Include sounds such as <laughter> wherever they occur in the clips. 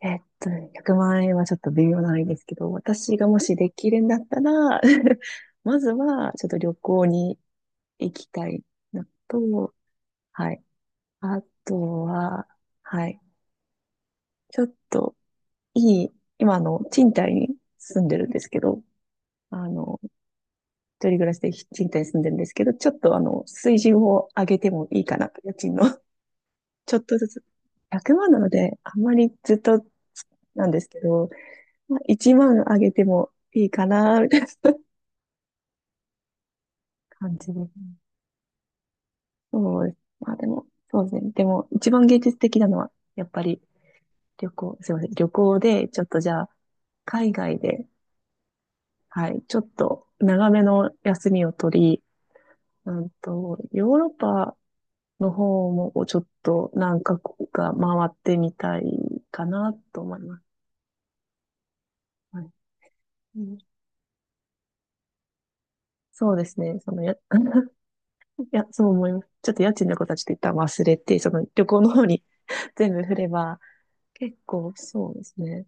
100万円はちょっと微妙なんですけど、私がもしできるんだったら、<laughs> まずはちょっと旅行に行きたいのと、はい。あとは、はい。ちょっといい、今賃貸に住んでるんですけど、あの、一人暮らしで賃貸に住んでるんですけど、ちょっと水準を上げてもいいかなと、家賃の。<laughs> ちょっとずつ。100万なので、あんまりずっとなんですけど、まあ、1万上げてもいいかな、みたいな感じです。そうです。まあでも、そうですね。でも、一番芸術的なのは、やっぱり旅行、すいません。旅行で、ちょっとじゃあ、海外で、はい、ちょっと長めの休みを取り、ヨーロッパの方もちょっと何カ国か回ってみたいかなと思います。はい、うん、そうですね。そのや、<laughs> いや、そう思います。ちょっと家賃のことはちょっと一旦忘れて、その旅行の方に <laughs> 全部振れば、結構そうですね。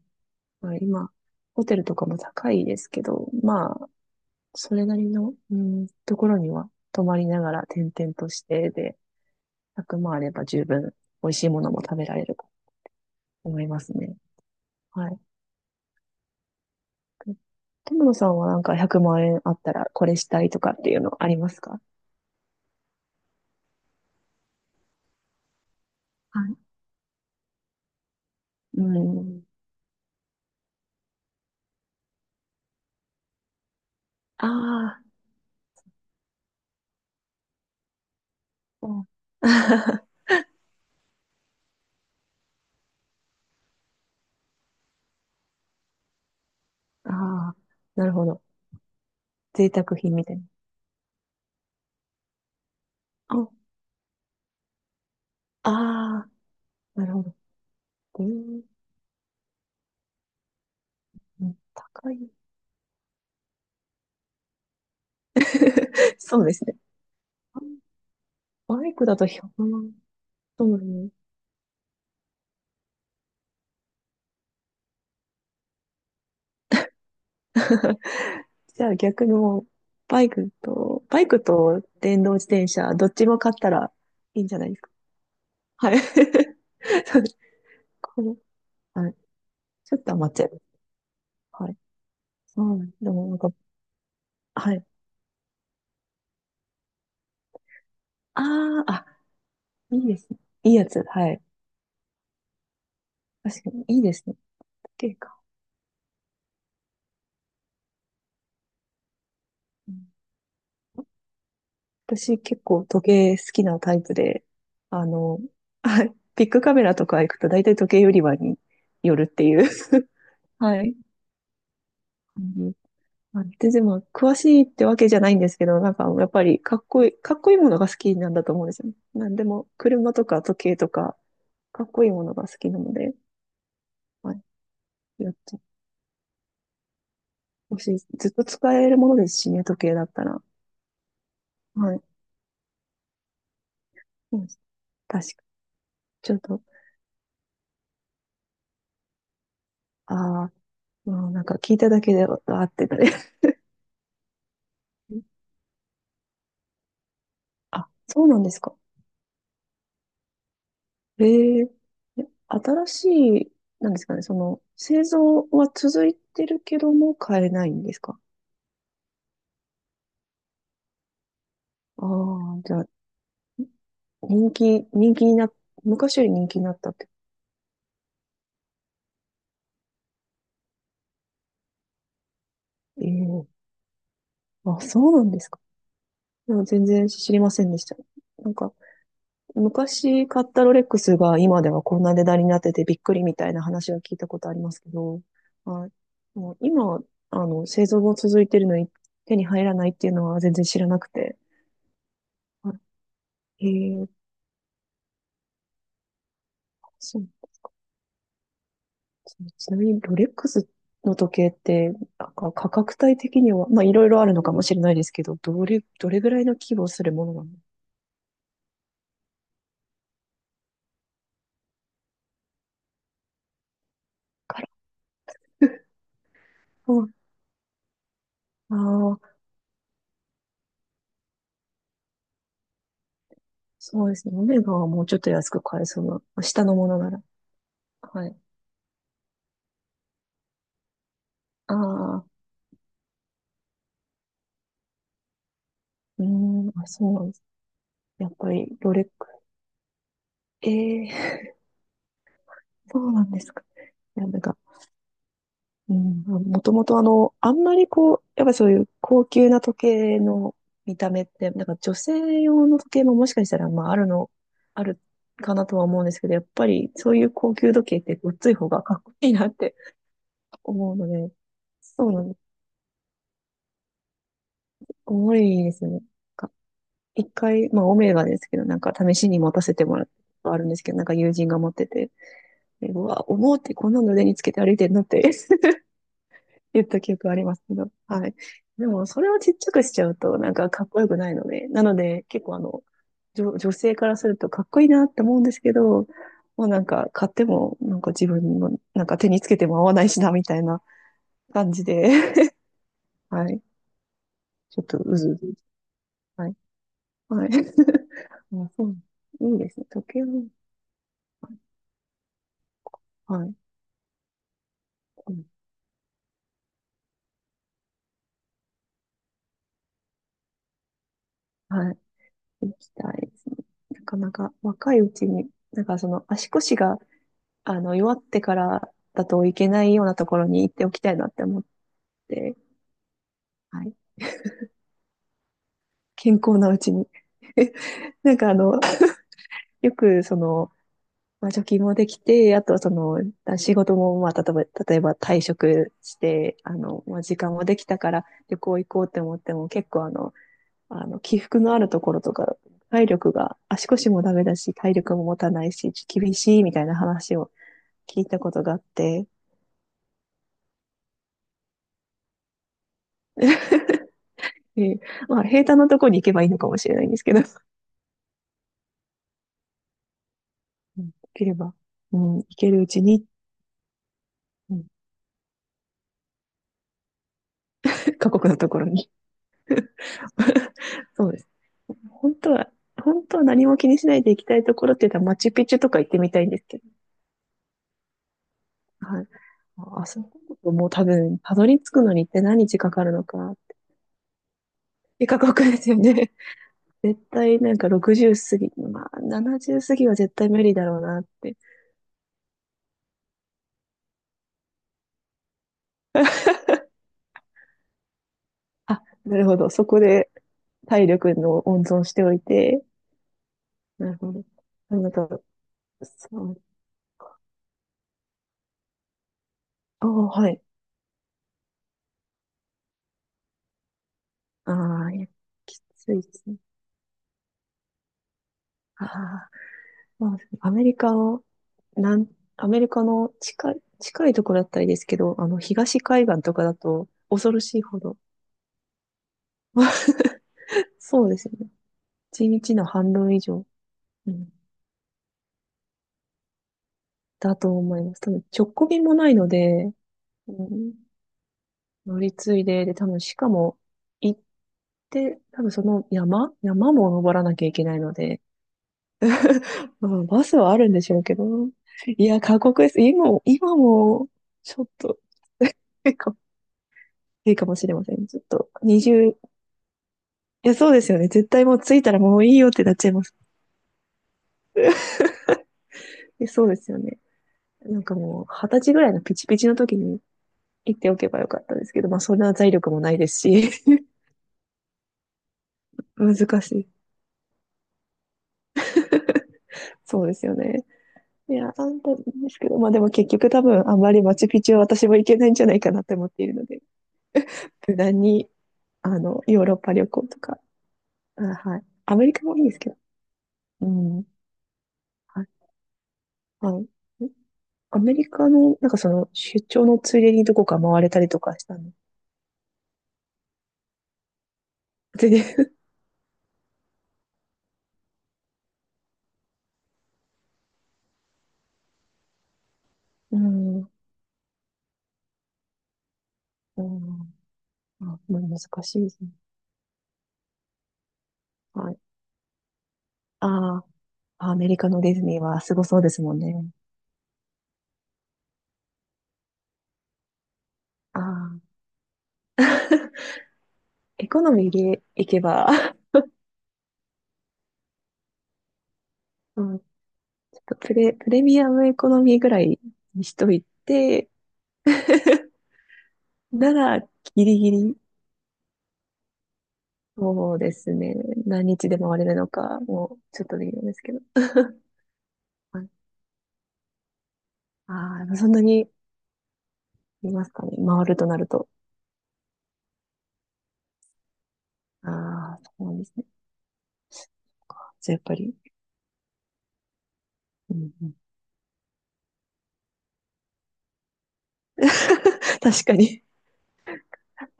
まあ、今、ホテルとかも高いですけど、まあ、それなりの、ところには泊まりながら転々としてで、100万あれば十分美味しいものも食べられると思いますね。はい。友野さんはなんか100万円あったらこれしたいとかっていうのありますか？はい。うん。ああ、そう。 <laughs> ああ、なるほど。贅沢品みたいな。あ、あー、なるほど。えーうん、高い。<laughs> そうですね。バイクだとひゃ0ま万。そうね。<laughs> じゃあ逆にもう、バイクと電動自転車、どっちも買ったらいいんじゃないですか。はい。<laughs> そうです。こはい。ちょっと余っちゃいます。はい。そうなんです。でもなんか、はい。ああ、あ、いいですね。いいやつ。はい。確かに、いいですね。時計か。うん、私結構時計好きなタイプで、あの、はい、ビッグカメラとか行くと大体時計売り場に寄るっていう。<laughs> はい。うん、でも、詳しいってわけじゃないんですけど、なんか、やっぱり、かっこいいものが好きなんだと思うんですよね。なんでも、車とか時計とか、かっこいいものが好きなので、はい。やっと、もしい、ずっと使えるものですしね、時計だったら。はい。うん、確か、ちょっと、ああ、もうなんか聞いただけで、あーってなる。<laughs> あ、そうなんですか。ええ。え新しい、なんですかね、その、製造は続いてるけども買えないんですか？ああー、じゃあ、人気、人気にな、昔より人気になったって。ええ。あ、そうなんですか。いや、全然知りませんでした。なんか、昔買ったロレックスが今ではこんな値段になっててびっくりみたいな話は聞いたことありますけど、はい。もう今、製造も続いてるのに手に入らないっていうのは全然知らなくて。えー、そうそう、ちなみにロレックスの時計って、なんか価格帯的には、まあいろいろあるのかもしれないですけど、どれぐらいの規模をするものなのかな。<laughs> うん、ああ、そうですね。オメガはもうちょっと安く買えそうな。下のものなら。はい。ああ、うーん、あ、そうなんです。やっぱりロレックス。ええ。 <laughs> そうなんですか。いや、なんか、うん、もともとあんまりこう、やっぱりそういう高級な時計の見た目って、なんか女性用の時計ももしかしたら、まああるの、あるかなとは思うんですけど、やっぱりそういう高級時計ってごっつい方がかっこいいなって思うので、そうなんです。重いですよね。なんか一回、まあオメガですけど、なんか試しに持たせてもらったことあるんですけど、なんか友人が持ってて、でうわ、重ってこんなの腕につけて歩いてるのって言った記憶ありますけど。はい。でも、それをちっちゃくしちゃうと、なんかかっこよくないので、なので、結構女性からするとかっこいいなって思うんですけど、もうなんか買っても、なんか自分の、なんか手につけても合わないしな、みたいな感じで、<laughs> はい。ちょっとうずうず。はい。はい。<laughs> あ、そう。いいですね。時計も、はい。うん、はい。行きたいですね。なかなか若いうちに、なんかその足腰が弱ってからだといけないようなところに行っておきたいなって思って、はい。健康なうちに。<laughs> なんかよくまあ、貯金もできて、あとは仕事も、まあ、例えば退職して、まあ、時間もできたから旅行行こうって思っても、結構起伏のあるところとか、体力が、足腰もダメだし、体力も持たないし、厳しいみたいな話を聞いたことがあって、でまあ、平坦なところに行けばいいのかもしれないんですけど、うん、できれば、うん、行けるうちに、うん、<laughs> 過酷なところに <laughs> そうです。本当は、本当は何も気にしないで行きたいところって言ったらマチュピチュとか行ってみたいんですけど、はい。ああ、そこもう多分、たどり着くのにって何日かかるのか、過酷ですよね。<laughs> 絶対なんか60過ぎ、まあ70過ぎは絶対無理だろうなって。あ、なるほど。そこで体力の温存しておいて、なるほど。あなた、そう、ああ、はい。ああ、いや、きついですね。ああ、まあ、なん、アメリカの近いところだったらいいですけど、東海岸とかだと恐ろしいほど。<laughs> そうですよね。一日の半分以上、うん、だと思います。多分、直行便もないので、うん、乗り継いで、で、多分、しかも、行って、多分その山も登らなきゃいけないので、まあ、バスはあるんでしょうけど、いや、過酷です。今も、ちょっといいかも <laughs> いいかもしれません。ちょっと、20、いや、そうですよね。絶対もう着いたらもういいよってなっちゃいます。<laughs> いや、そうですよね。なんかもう、20歳ぐらいのピチピチの時に行っておけばよかったですけど、まあ、そんな財力もないですし、<laughs> 難しい。そうですよね。いや、あんたですけど、まあでも結局多分あんまりマチュピチュは私も行けないんじゃないかなって思っているので、無難に、ヨーロッパ旅行とか、あ、はい。アメリカもいいですけど、うん。はい。はい。アメリカの、なんか出張のついでにどこか回れたりとかしたの。で <laughs> うん、うん、あ、まあ難しいですね。はい。ああ、アメリカのディズニーはすごそうですもんね。ああ、エコノミーで行けば、<laughs> うん、ちょっとプレミアムエコノミーぐらいにしといて、<laughs> なら、ギリギリ、そうですね。何日で回れるのか、もう、ちょっとできるんですけど。はい、ああ、そんなにいますかね。回るとなると。ああ、そうですね。か。じゃあやっぱり。うんうん、<laughs> 確かに。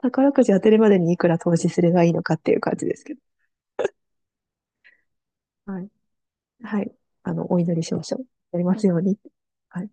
宝くじ当てるまでにいくら投資すればいいのかっていう感じですけど。はい。はい。お祈りしましょう。やりますように。はい。